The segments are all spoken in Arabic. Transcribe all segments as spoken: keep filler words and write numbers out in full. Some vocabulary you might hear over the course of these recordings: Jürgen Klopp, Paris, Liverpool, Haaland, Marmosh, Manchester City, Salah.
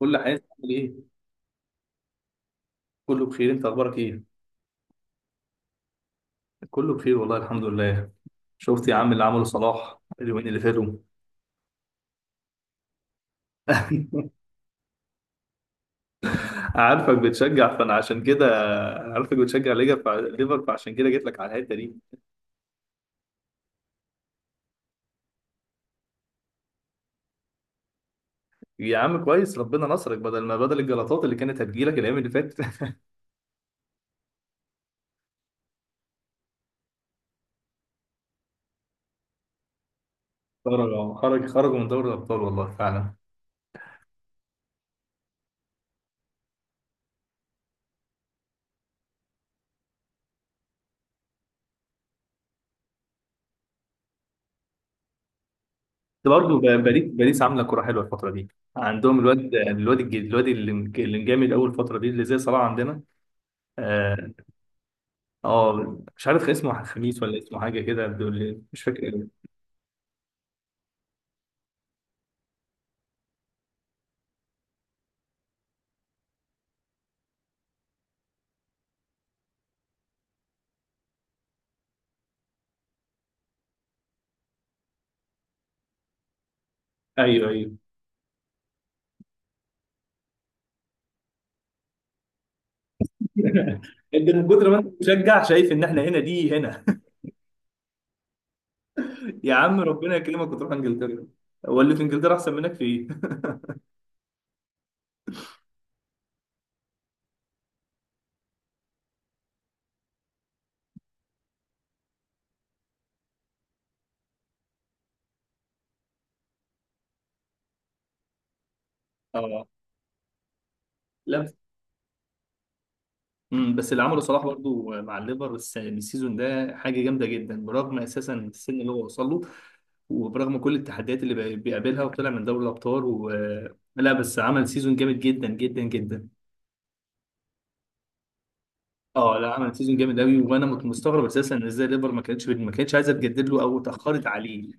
كل عايز تعمل ايه؟ كله بخير، انت اخبارك ايه؟ كله بخير والله، الحمد لله. شفت يا عم اللي عمله صلاح اليومين اللي فاتوا؟ عارفك بتشجع فانا عشان كده. انا عارفك بتشجع ليجا- فع- ليفر فعشان كده جيت لك على الحته دي. يا عم كويس ربنا نصرك، بدل ما بدل الجلطات اللي كانت هتجيلك الايام اللي فاتت. خرج خرج خرجوا من دوري الابطال والله فعلا. برضه باريس باريس عامله كوره حلوه الفتره دي. عندهم الواد الواد الج- الواد اللي اللي مجامد اول فتره دي اللي زي صلاح عندنا. آه، اه مش عارف اسمه، خميس ولا اسمه حاجه كده، بيقول لي مش فاكر إيه. ايوه ايوه. انت من كتر ما انت مشجع شايف ان احنا هنا، دي هنا. يا عم ربنا يكرمك وتروح انجلترا. هو اللي في انجلترا احسن منك في ايه؟ اه لا بس أمم، بس اللي عمله صلاح برضو مع الليفر الس- السيزون ده حاجه جامده جدا، برغم اساسا السن اللي هو وصل له، وبرغم كل التحديات اللي بي- بيقابلها وطلع من دوري الابطال و... لا بس عمل سيزون جامد جدا جدا جدا. اه لا عمل سيزون جامد قوي، وانا كنت مستغرب اساسا ان ازاي ليفر ما كانتش ما كانتش عايزه تجدد له او اتاخرت عليه.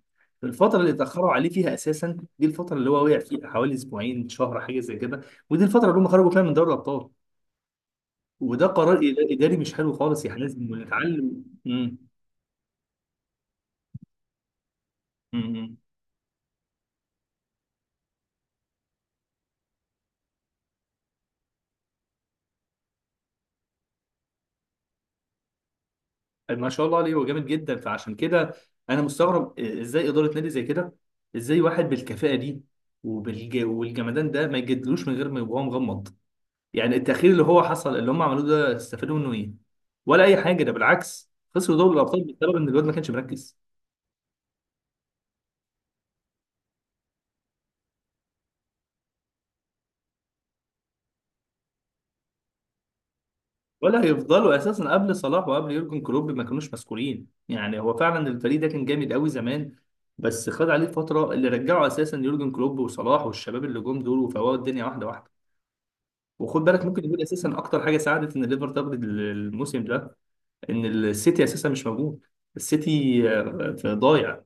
الفتره اللي اتاخروا عليه فيها اساسا دي الفتره اللي هو وقع فيها، حوالي اسبوعين شهر حاجه زي كده. ودي الفتره اللي هم خرجوا فيها من دوري الابطال. وده قرار إد- اداري مش حلو خالص، يعني لازم نتعلم امم امم ما شاء الله عليه، هو جامد جدا فعشان كده انا مستغرب ازاي اداره نادي زي كده، ازاي واحد بالكفاءه دي وبالج... والجمدان ده ما يجدلوش من غير ما يبقى هو مغمض. يعني التأخير اللي هو حصل اللي هم عملوه ده استفادوا منه ايه؟ ولا أي حاجة، ده بالعكس خسروا دوري الأبطال بسبب إن الواد ما كانش مركز. ولا هيفضلوا أساسا، قبل صلاح وقبل يورجن كلوب ما كانوش مسؤولين يعني. هو فعلا الفريق ده كان جامد قوي زمان، بس خد عليه فترة اللي رجعه أساسا يورجن كلوب وصلاح والشباب اللي جم دول وفوقوا الدنيا واحدة واحدة. وخد بالك ممكن يكون اساسا اكتر حاجه ساعدت ان الليفر تاخد الموسم ده، ان السيتي اساسا مش موجود. السيتي آه، في ضايع.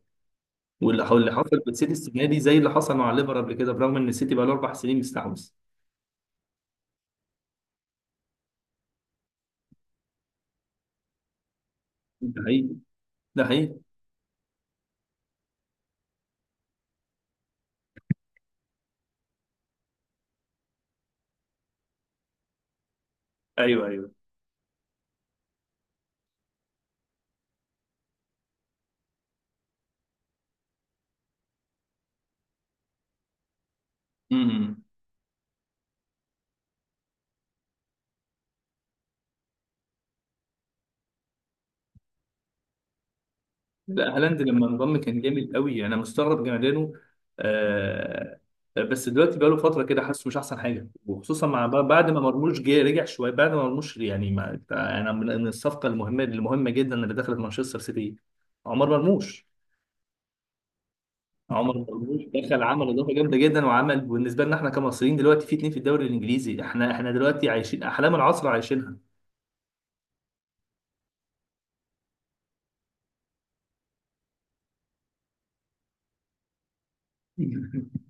واللي واللي حصل في السيتي السنه دي زي اللي حصل مع الليفر قبل كده، برغم ان السيتي بقى له اربع سنين مستحوذ. ده حقيقي. ده حقيقي. ايوه ايوه. امم. لا هالاند لما انضم كان جامد قوي، انا مستغرب جمدانه. آه. بس دلوقتي بقى له فتره كده حاسه مش احسن حاجه، وخصوصا مع بع- بعد ما مرموش جه رجع شويه. بعد ما مرموش يعني، ما انا من من الصفقه المهمه المهمه جدا اللي دخلت مانشستر سيتي. عمر مرموش. عمر مرموش دخل عمل اضافه جامده جدا، وعمل بالنسبه لنا احنا كمصريين دلوقتي في اتنين في الدوري الانجليزي. احنا احنا دلوقتي عايشين احلام العصر عايشينها.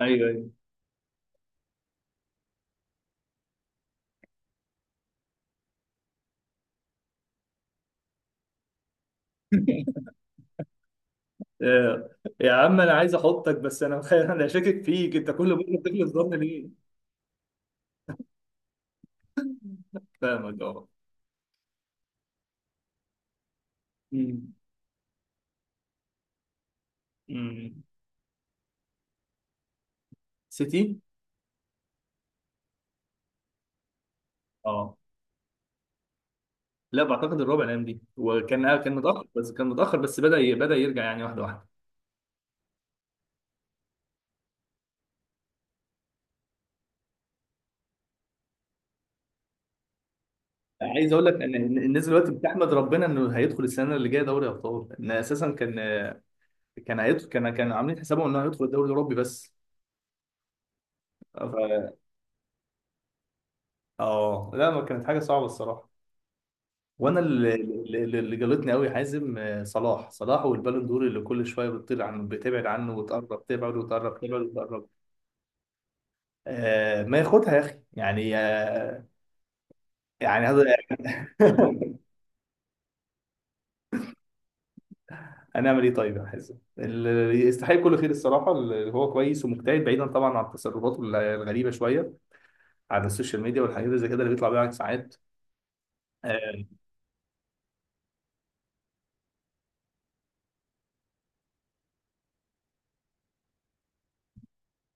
ايوه ايوه. آه، يا عم انا عايز احطك بس انا انا شاكك فيك، انت كل مره بتغلط ظن ليه. فاهمك اه. أمم. أمم. سيتي. اه لا بعتقد الربع الايام دي، وكان كان متاخر بس كان متاخر بس بدا بدا يرجع يعني واحده واحده. عايز اقول لك ان إن الناس دلوقتي بتحمد ربنا انه هيدخل السنه اللي جايه دوري ابطال، ان اساسا كان، كان هيدخل، كان كان عاملين حسابهم انه هيدخل الدوري الاوروبي بس. ف... اه لا ما كانت حاجه صعبه الصراحه. وانا اللي اللي اللي جلطني قوي حازم، آه، صلاح صلاح والبالون دور اللي كل شويه بتطير عنه، بتبعد عنه وتقرب، تبعد وتقرب، تبعد وتقرب. آه ما ياخدها يا اخي يعني، آه، يعني هذا. هنعمل ايه طيب يا حازم؟ اللي يستحق كل خير الصراحه، اللي هو كويس ومجتهد، بعيدا طبعا عن التصرفات الغريبه شويه على السوشيال ميديا والحاجات اللي زي كده اللي بيطلع بيها ساعات. آه،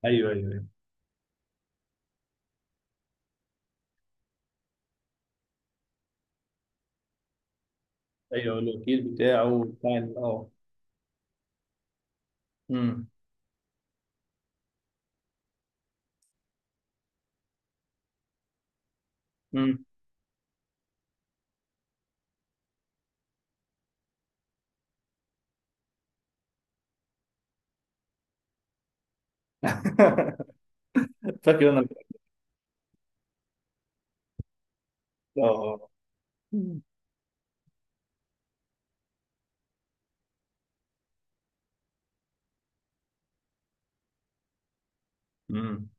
ايوه ايوه. ايوه الوكيل بتاعه بتاع ال- اه. امم. امم. فاكر انا. اه. امم.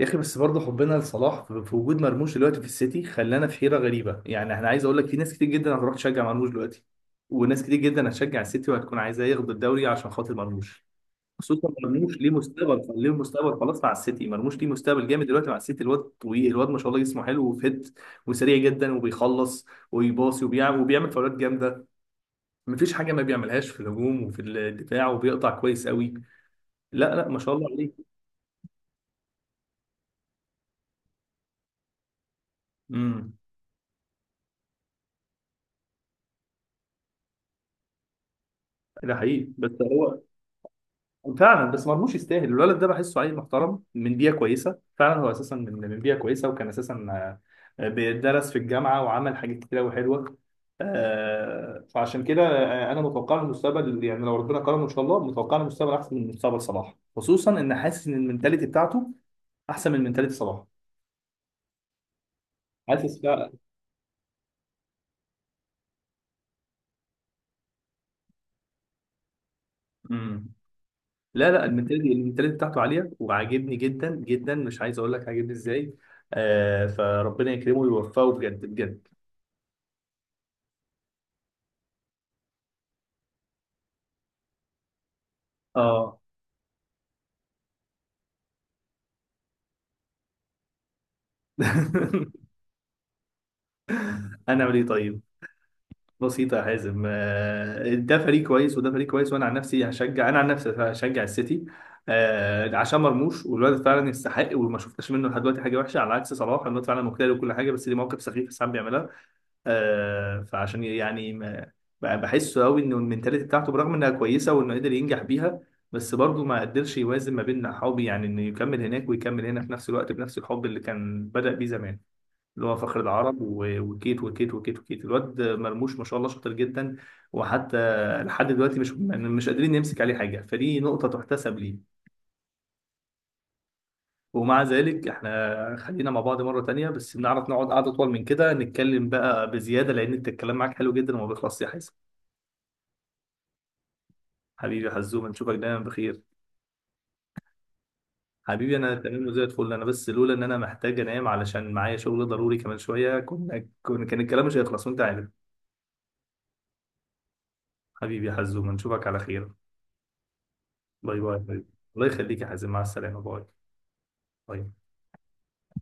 يا اخي بس برضه حبنا لصلاح في في وجود مرموش دلوقتي في السيتي خلانا في حيره غريبه. يعني انا عايز اقول لك في ناس كتير جدا هتروح تشجع مرموش دلوقتي، وناس كتير جدا هتشجع السيتي وهتكون عايزاه ياخد الدوري عشان خاطر مرموش. خصوصا مرموش ليه مستقبل، ليه مستقبل خلاص مع السيتي. مرموش ليه مستقبل جامد دلوقتي مع السيتي. الواد طويل، الواد ما شاء الله جسمه حلو وفت، وسريع جدا، وبيخلص، ويباصي، وبيعمل وبيعمل فاولات جامده. مفيش حاجه ما بيعملهاش في الهجوم وفي الدفاع، وبيقطع كويس قوي. لا لا ما شاء الله عليه. امم. ده حقيقي بس هو فعلا بس مرموش يستاهل. الولد ده بحسه عيل محترم من بيئه كويسه، فعلا هو اساسا من من بيئه كويسه، وكان اساسا آه، بيدرس في الجامعه وعمل حاجات كتير قوي حلوه. آه، فعشان كده آه، انا متوقع له المستقبل، يعني لو ربنا كرمه ان شاء الله متوقع له مستقبل احسن من مستقبل صلاح، خصوصا ان حاسس ان المنتاليتي بتاعته احسن من منتاليتي صلاح. حاسس بقى. لا لا المنتاليتي المنتاليتي بتاعته عاليه وعاجبني جدا جدا، مش عايز اقول لك عاجبني ازاي. آه فربنا يكرمه ويوفقه بجد بجد. اه. انا اعمل ايه طيب؟ بسيطه يا حازم، آه ده فريق كويس وده فريق كويس، وانا عن نفسي هشجع، انا عن نفسي هشجع السيتي، آه عشان مرموش، والواد فعلا يستحق وما شفتش منه لحد دلوقتي حاجه وحشه، على عكس صلاح. الواد فعلا مجتهد وكل حاجه، بس ليه مواقف سخيفه ساعات بيعملها. آه، فعشان يعني ما بقى بحسه قوي، انه المنتاليتي بتاعته برغم انها كويسه وانه قدر ينجح بيها، بس برضه ما قدرش يوازن ما بين حبي، يعني انه يكمل هناك ويكمل هنا في نفس الوقت بنفس الحب اللي كان بدأ بيه زمان، اللي هو فخر العرب و- وكيت وكيت وكيت وكيت. الواد مرموش ما شاء الله شاطر جدا. وحتى لحد دلوقتي مش مش قادرين نمسك عليه حاجه، فدي نقطه تحتسب ليه. ومع ذلك احنا خلينا مع بعض مرة تانية، بس بنعرف نقعد قعدة أطول من كده نتكلم بقى بزيادة، لأن انت الكلام معاك حلو جدا وما بيخلصش يا حازم. حبيبي يا حزوم نشوفك دايما بخير. حبيبي انا تمام وزي الفل انا، بس لولا ان انا محتاج انام علشان معايا شغل ضروري كمان شويه كنا كنا كان الكلام مش هيخلص وانت عارف. حبيبي يا حزوم نشوفك على خير. باي باي يا حبيبي. الله يخليك يا حازم، مع السلامه. باي باي.